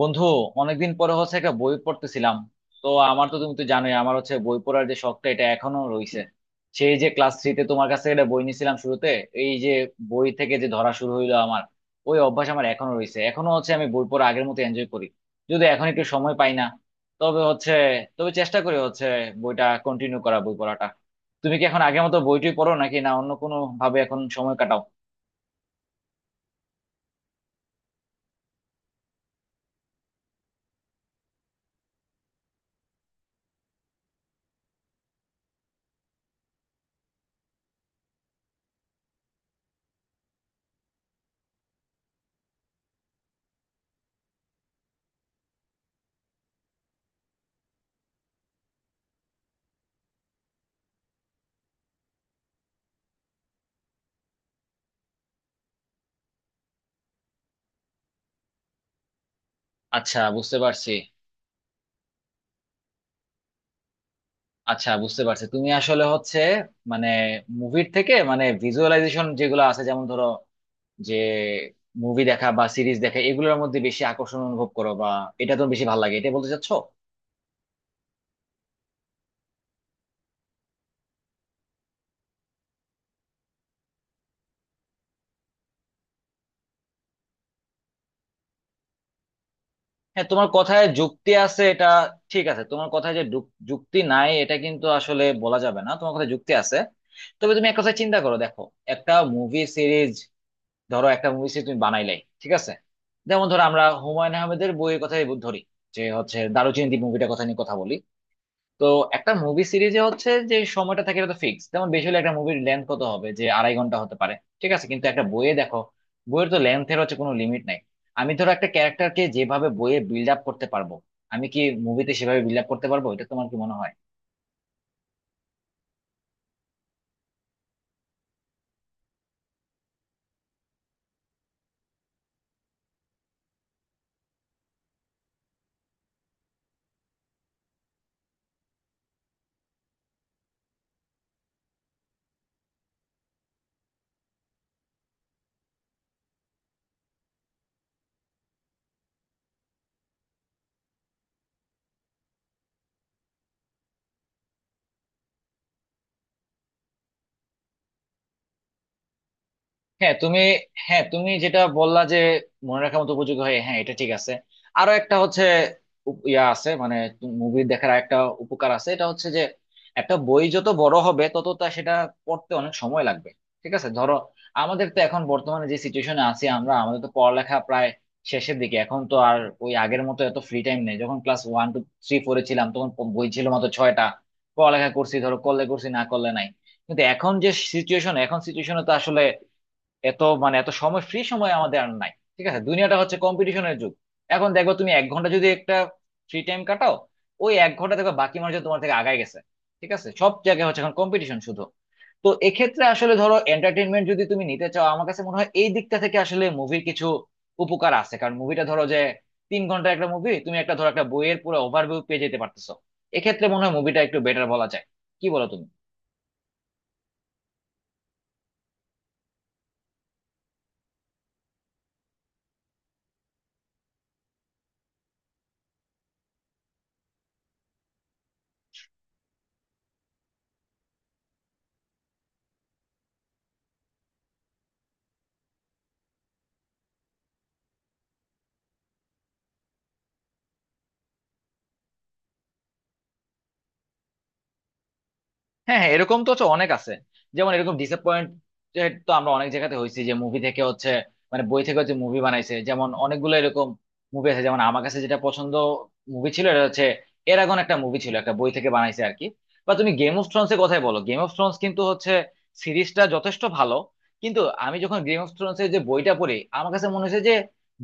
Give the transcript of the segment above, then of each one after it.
বন্ধু, অনেকদিন পরে হচ্ছে একটা বই পড়তেছিলাম। তো আমার তো তুমি তো জানোই, আমার হচ্ছে বই পড়ার যে শখটা, এটা এখনো রয়েছে। সেই যে ক্লাস 3-তে তোমার কাছে একটা বই নিয়েছিলাম শুরুতে, এই যে বই থেকে যে ধরা শুরু হইলো আমার, ওই অভ্যাস আমার এখনো রয়েছে। এখনো হচ্ছে আমি বই পড়া আগের মতো এনজয় করি। যদি এখন একটু সময় পাই না, তবে হচ্ছে, তবে চেষ্টা করি হচ্ছে বইটা কন্টিনিউ করা, বই পড়াটা। তুমি কি এখন আগের মতো বইটই পড়ো নাকি না অন্য কোনো ভাবে এখন সময় কাটাও? আচ্ছা বুঝতে পারছি আচ্ছা বুঝতে পারছি। তুমি আসলে হচ্ছে, মানে, মুভির থেকে মানে ভিজুয়ালাইজেশন যেগুলো আছে, যেমন ধরো যে মুভি দেখা বা সিরিজ দেখা, এগুলোর মধ্যে বেশি আকর্ষণ অনুভব করো, বা এটা তোমার বেশি ভালো লাগে, এটা বলতে চাচ্ছো? হ্যাঁ, তোমার কথায় যুক্তি আছে এটা। ঠিক আছে, তোমার কথায় যে যুক্তি নাই এটা কিন্তু আসলে বলা যাবে না, তোমার কথায় যুক্তি আছে। তবে তুমি এক কথা চিন্তা করো, দেখো একটা মুভি সিরিজ, ধরো একটা মুভি সিরিজ তুমি বানাইলাই, ঠিক আছে? যেমন ধরো আমরা হুমায়ুন আহমেদের বইয়ের কথাই ধরি, যে হচ্ছে দারুচিনি দ্বীপ মুভিটার কথা নিয়ে কথা বলি। তো একটা মুভি সিরিজে হচ্ছে যে সময়টা থাকে এটা তো ফিক্স, যেমন বেশি হলে একটা মুভির লেন্থ কত হবে, যে 2.5 ঘন্টা হতে পারে। ঠিক আছে, কিন্তু একটা বইয়ে দেখো, বইয়ের তো লেন্থের হচ্ছে কোনো লিমিট নাই। আমি ধরো একটা ক্যারেক্টারকে যেভাবে বইয়ে বিল্ড আপ করতে পারবো, আমি কি মুভিতে সেভাবে বিল্ড আপ করতে পারবো? এটা তোমার কি মনে হয়? হ্যাঁ তুমি হ্যাঁ তুমি যেটা বললা যে মনে রাখার মতো উপযোগী হয়, হ্যাঁ এটা ঠিক আছে। আরো একটা হচ্ছে, ইয়া আছে মানে, মুভি দেখার একটা উপকার আছে, এটা হচ্ছে যে একটা বই যত বড় হবে তত তা সেটা পড়তে অনেক সময় লাগবে। ঠিক আছে, ধরো আমাদের তো এখন বর্তমানে যে সিচুয়েশনে আছি আমরা, আমাদের তো পড়ালেখা প্রায় শেষের দিকে। এখন তো আর ওই আগের মতো এত ফ্রি টাইম নেই। যখন ক্লাস 1, 2, 3, 4-এ ছিলাম, তখন বই ছিল মাত্র 6টা, পড়ালেখা করছি ধরো, করলে করছি না করলে নাই। কিন্তু এখন যে সিচুয়েশনে তো আসলে এত ফ্রি সময় আমাদের আর নাই। ঠিক আছে, দুনিয়াটা হচ্ছে কম্পিটিশনের যুগ। এখন দেখো তুমি 1 ঘন্টা যদি একটা ফ্রি টাইম কাটাও, ওই 1 ঘন্টা দেখো বাকি মানুষজন তোমার থেকে আগায় গেছে। ঠিক আছে, সব জায়গায় হচ্ছে এখন কম্পিটিশন শুধু। তো এক্ষেত্রে আসলে ধরো, এন্টারটেনমেন্ট যদি তুমি নিতে চাও, আমার কাছে মনে হয় এই দিকটা থেকে আসলে মুভির কিছু উপকার আছে। কারণ মুভিটা ধরো যে 3 ঘন্টার একটা মুভি, তুমি একটা ধরো একটা বইয়ের পুরো ওভারভিউ পেয়ে যেতে পারতেছো। এক্ষেত্রে মনে হয় মুভিটা একটু বেটার বলা যায়, কি বলো তুমি? হ্যাঁ, হ্যাঁ, এরকম তো হচ্ছে অনেক আছে। যেমন এরকম ডিসঅ্যাপয়েন্টেড তো আমরা অনেক জায়গাতে হয়েছি, যে মুভি থেকে হচ্ছে, মানে বই থেকে হচ্ছে মুভি বানাইছে, যেমন অনেকগুলো এরকম মুভি আছে। যেমন আমার কাছে যেটা পছন্দ মুভি ছিল, এটা হচ্ছে এরাগন, একটা মুভি ছিল একটা বই থেকে বানাইছে আর কি। বা তুমি গেম অফ থ্রোনস এর কথাই বলো, গেম অফ থ্রোনস কিন্তু হচ্ছে সিরিজটা যথেষ্ট ভালো। কিন্তু আমি যখন গেম অফ থ্রোনস এর যে বইটা পড়ি, আমার কাছে মনে হয়েছে যে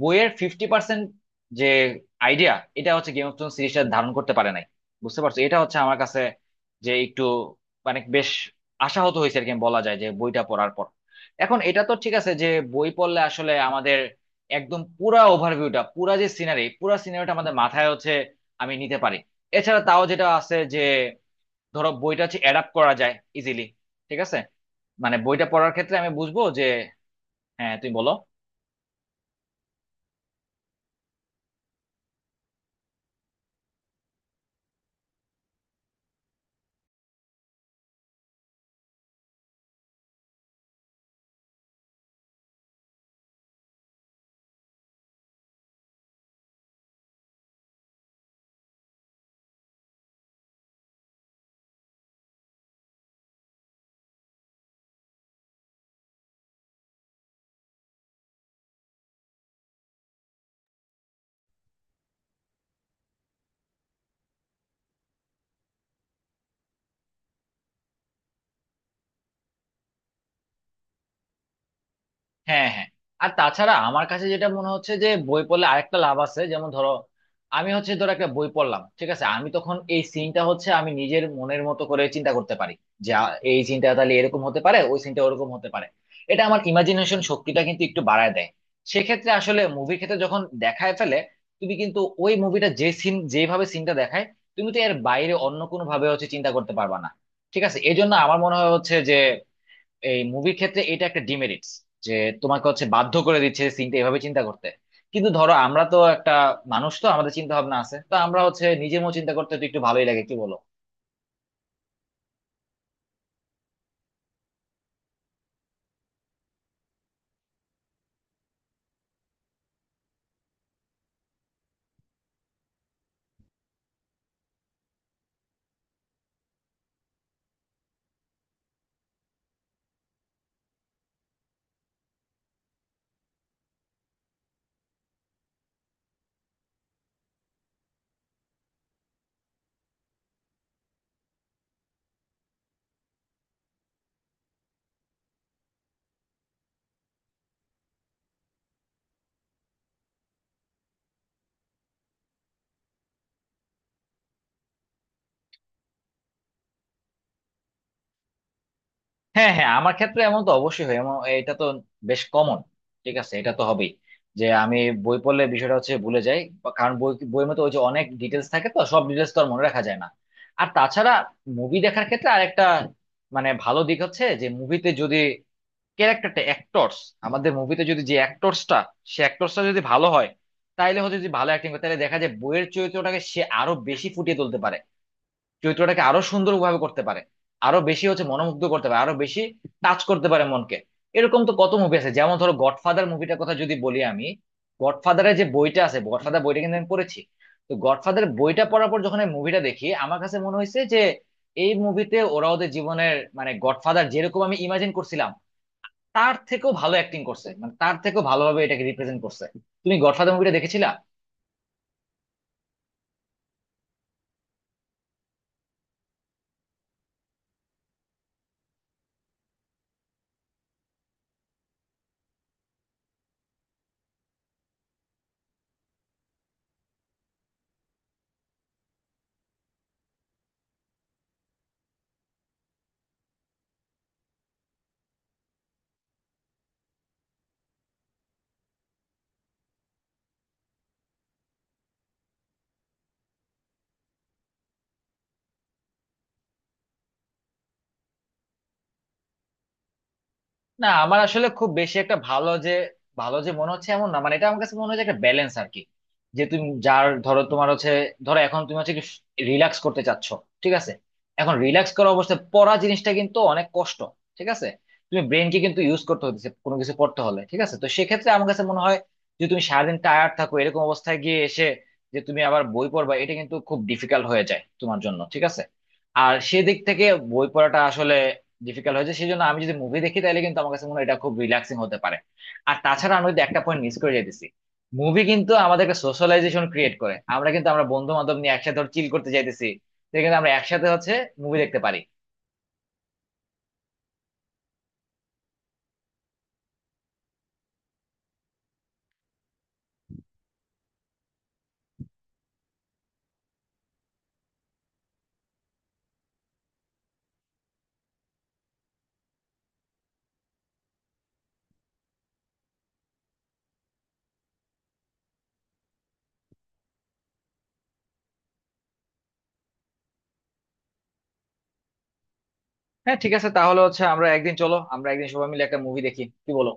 বইয়ের 50% যে আইডিয়া, এটা হচ্ছে গেম অফ থ্রোনস সিরিজটা ধারণ করতে পারে নাই। বুঝতে পারছো? এটা হচ্ছে আমার কাছে যে একটু মানে বেশ আশাহত হয়েছে আর কি বলা যায়, যে বইটা পড়ার পর। এখন এটা তো ঠিক আছে যে বই পড়লে আসলে আমাদের একদম পুরা ওভারভিউটা, পুরা যে সিনারি, পুরা সিনারিটা আমাদের মাথায় হচ্ছে আমি নিতে পারি। এছাড়া তাও যেটা আছে যে ধরো বইটা হচ্ছে অ্যাডাপ্ট করা যায় ইজিলি, ঠিক আছে, মানে বইটা পড়ার ক্ষেত্রে আমি বুঝবো যে, হ্যাঁ তুমি বলো। হ্যাঁ, হ্যাঁ, আর তাছাড়া আমার কাছে যেটা মনে হচ্ছে যে বই পড়লে আরেকটা লাভ আছে, যেমন ধরো আমি হচ্ছে ধরো একটা বই পড়লাম, ঠিক আছে, আমি তখন এই সিনটা হচ্ছে আমি নিজের মনের মতো করে চিন্তা করতে পারি। যে এই সিনটা তাহলে এরকম হতে পারে, ওই সিনটা ওরকম হতে পারে। এটা আমার ইমাজিনেশন শক্তিটা কিন্তু একটু বাড়ায় দেয়। সেক্ষেত্রে আসলে মুভির ক্ষেত্রে যখন দেখায় ফেলে, তুমি কিন্তু ওই মুভিটা যে সিন, যেভাবে সিনটা দেখায়, তুমি তো এর বাইরে অন্য কোনো ভাবে হচ্ছে চিন্তা করতে পারবা না। ঠিক আছে, এই জন্য আমার মনে হয় হচ্ছে যে এই মুভির ক্ষেত্রে এটা একটা ডিমেরিটস, যে তোমাকে হচ্ছে বাধ্য করে দিচ্ছে সিনটা এভাবে চিন্তা করতে। কিন্তু ধরো আমরা তো একটা মানুষ, তো আমাদের চিন্তা ভাবনা আছে, তো আমরা হচ্ছে নিজের মতো চিন্তা করতে তো একটু ভালোই লাগে, কি বলো? হ্যাঁ, হ্যাঁ, আমার ক্ষেত্রে এমন তো অবশ্যই হয়, এমন এটা তো বেশ কমন। ঠিক আছে, এটা তো হবেই যে আমি বই পড়লে বিষয়টা হচ্ছে ভুলে যাই, বা কারণ বই, বইয়ের মধ্যে ওই যে অনেক ডিটেলস থাকে, তো সব ডিটেলস তো আর মনে রাখা যায় না। আর তাছাড়া মুভি দেখার ক্ষেত্রে আরেকটা মানে ভালো দিক হচ্ছে যে মুভিতে যদি ক্যারেক্টারটা অ্যাক্টরস, আমাদের মুভিতে যদি যে অ্যাক্টরসটা, সে অ্যাক্টরসটা যদি ভালো হয়, তাইলে হচ্ছে যদি ভালো অ্যাক্টিং করে, তাহলে দেখা যায় বইয়ের চরিত্রটাকে সে আরো বেশি ফুটিয়ে তুলতে পারে, চরিত্রটাকে আরো সুন্দরভাবে করতে পারে, আরো বেশি হচ্ছে মনোমুগ্ধ করতে পারে, আরো বেশি টাচ করতে পারে মনকে। এরকম তো কত মুভি আছে, যেমন ধরো গডফাদার মুভিটার কথা যদি বলি আমি, গডফাদারের যে বইটা আছে, গডফাদার বইটা কিন্তু আমি পড়েছি। তো গডফাদার বইটা পড়ার পর যখন আমি মুভিটা দেখি, আমার কাছে মনে হয়েছে যে এই মুভিতে ওরা ওদের জীবনের মানে গডফাদার যেরকম আমি ইমাজিন করছিলাম, তার থেকেও ভালো অ্যাক্টিং করছে, মানে তার থেকেও ভালোভাবে এটাকে রিপ্রেজেন্ট করছে। তুমি গডফাদার মুভিটা দেখেছিলা? না, আমার আসলে খুব বেশি একটা ভালো যে, ভালো যে মনে হচ্ছে এমন না, মানে এটা আমার কাছে মনে হয় যে একটা ব্যালেন্স আর কি। যে তুমি যার ধরো তোমার হচ্ছে, ধরো এখন তুমি হচ্ছে রিল্যাক্স করতে চাচ্ছ, ঠিক আছে? এখন রিল্যাক্স করা অবস্থায় পড়া জিনিসটা কিন্তু অনেক কষ্ট, ঠিক আছে? তুমি ব্রেনকে কিন্তু ইউজ করতে হচ্ছে কোনো কিছু পড়তে হলে, ঠিক আছে? তো সেক্ষেত্রে আমার কাছে মনে হয় যে তুমি সারাদিন টায়ার্ড থাকো, এরকম অবস্থায় গিয়ে এসে যে তুমি আবার বই পড়বা, এটা কিন্তু খুব ডিফিকাল্ট হয়ে যায় তোমার জন্য, ঠিক আছে। আর সেদিক থেকে বই পড়াটা আসলে ডিফিকাল্ট হয়েছে, সেই জন্য আমি যদি মুভি দেখি তাহলে কিন্তু আমার কাছে মনে হয় এটা খুব রিল্যাক্সিং হতে পারে। আর তাছাড়া আমি কিন্তু একটা পয়েন্ট মিস করে যেতেছি, মুভি কিন্তু আমাদেরকে সোশ্যালাইজেশন ক্রিয়েট করে, আমরা কিন্তু, আমরা বন্ধু বান্ধব নিয়ে একসাথে চিল করতে যাইতেছি, তো কিন্তু আমরা একসাথে হচ্ছে মুভি দেখতে পারি। হ্যাঁ ঠিক আছে, তাহলে হচ্ছে আমরা একদিন, চলো আমরা একদিন সবাই মিলে একটা মুভি দেখি, কি বলো?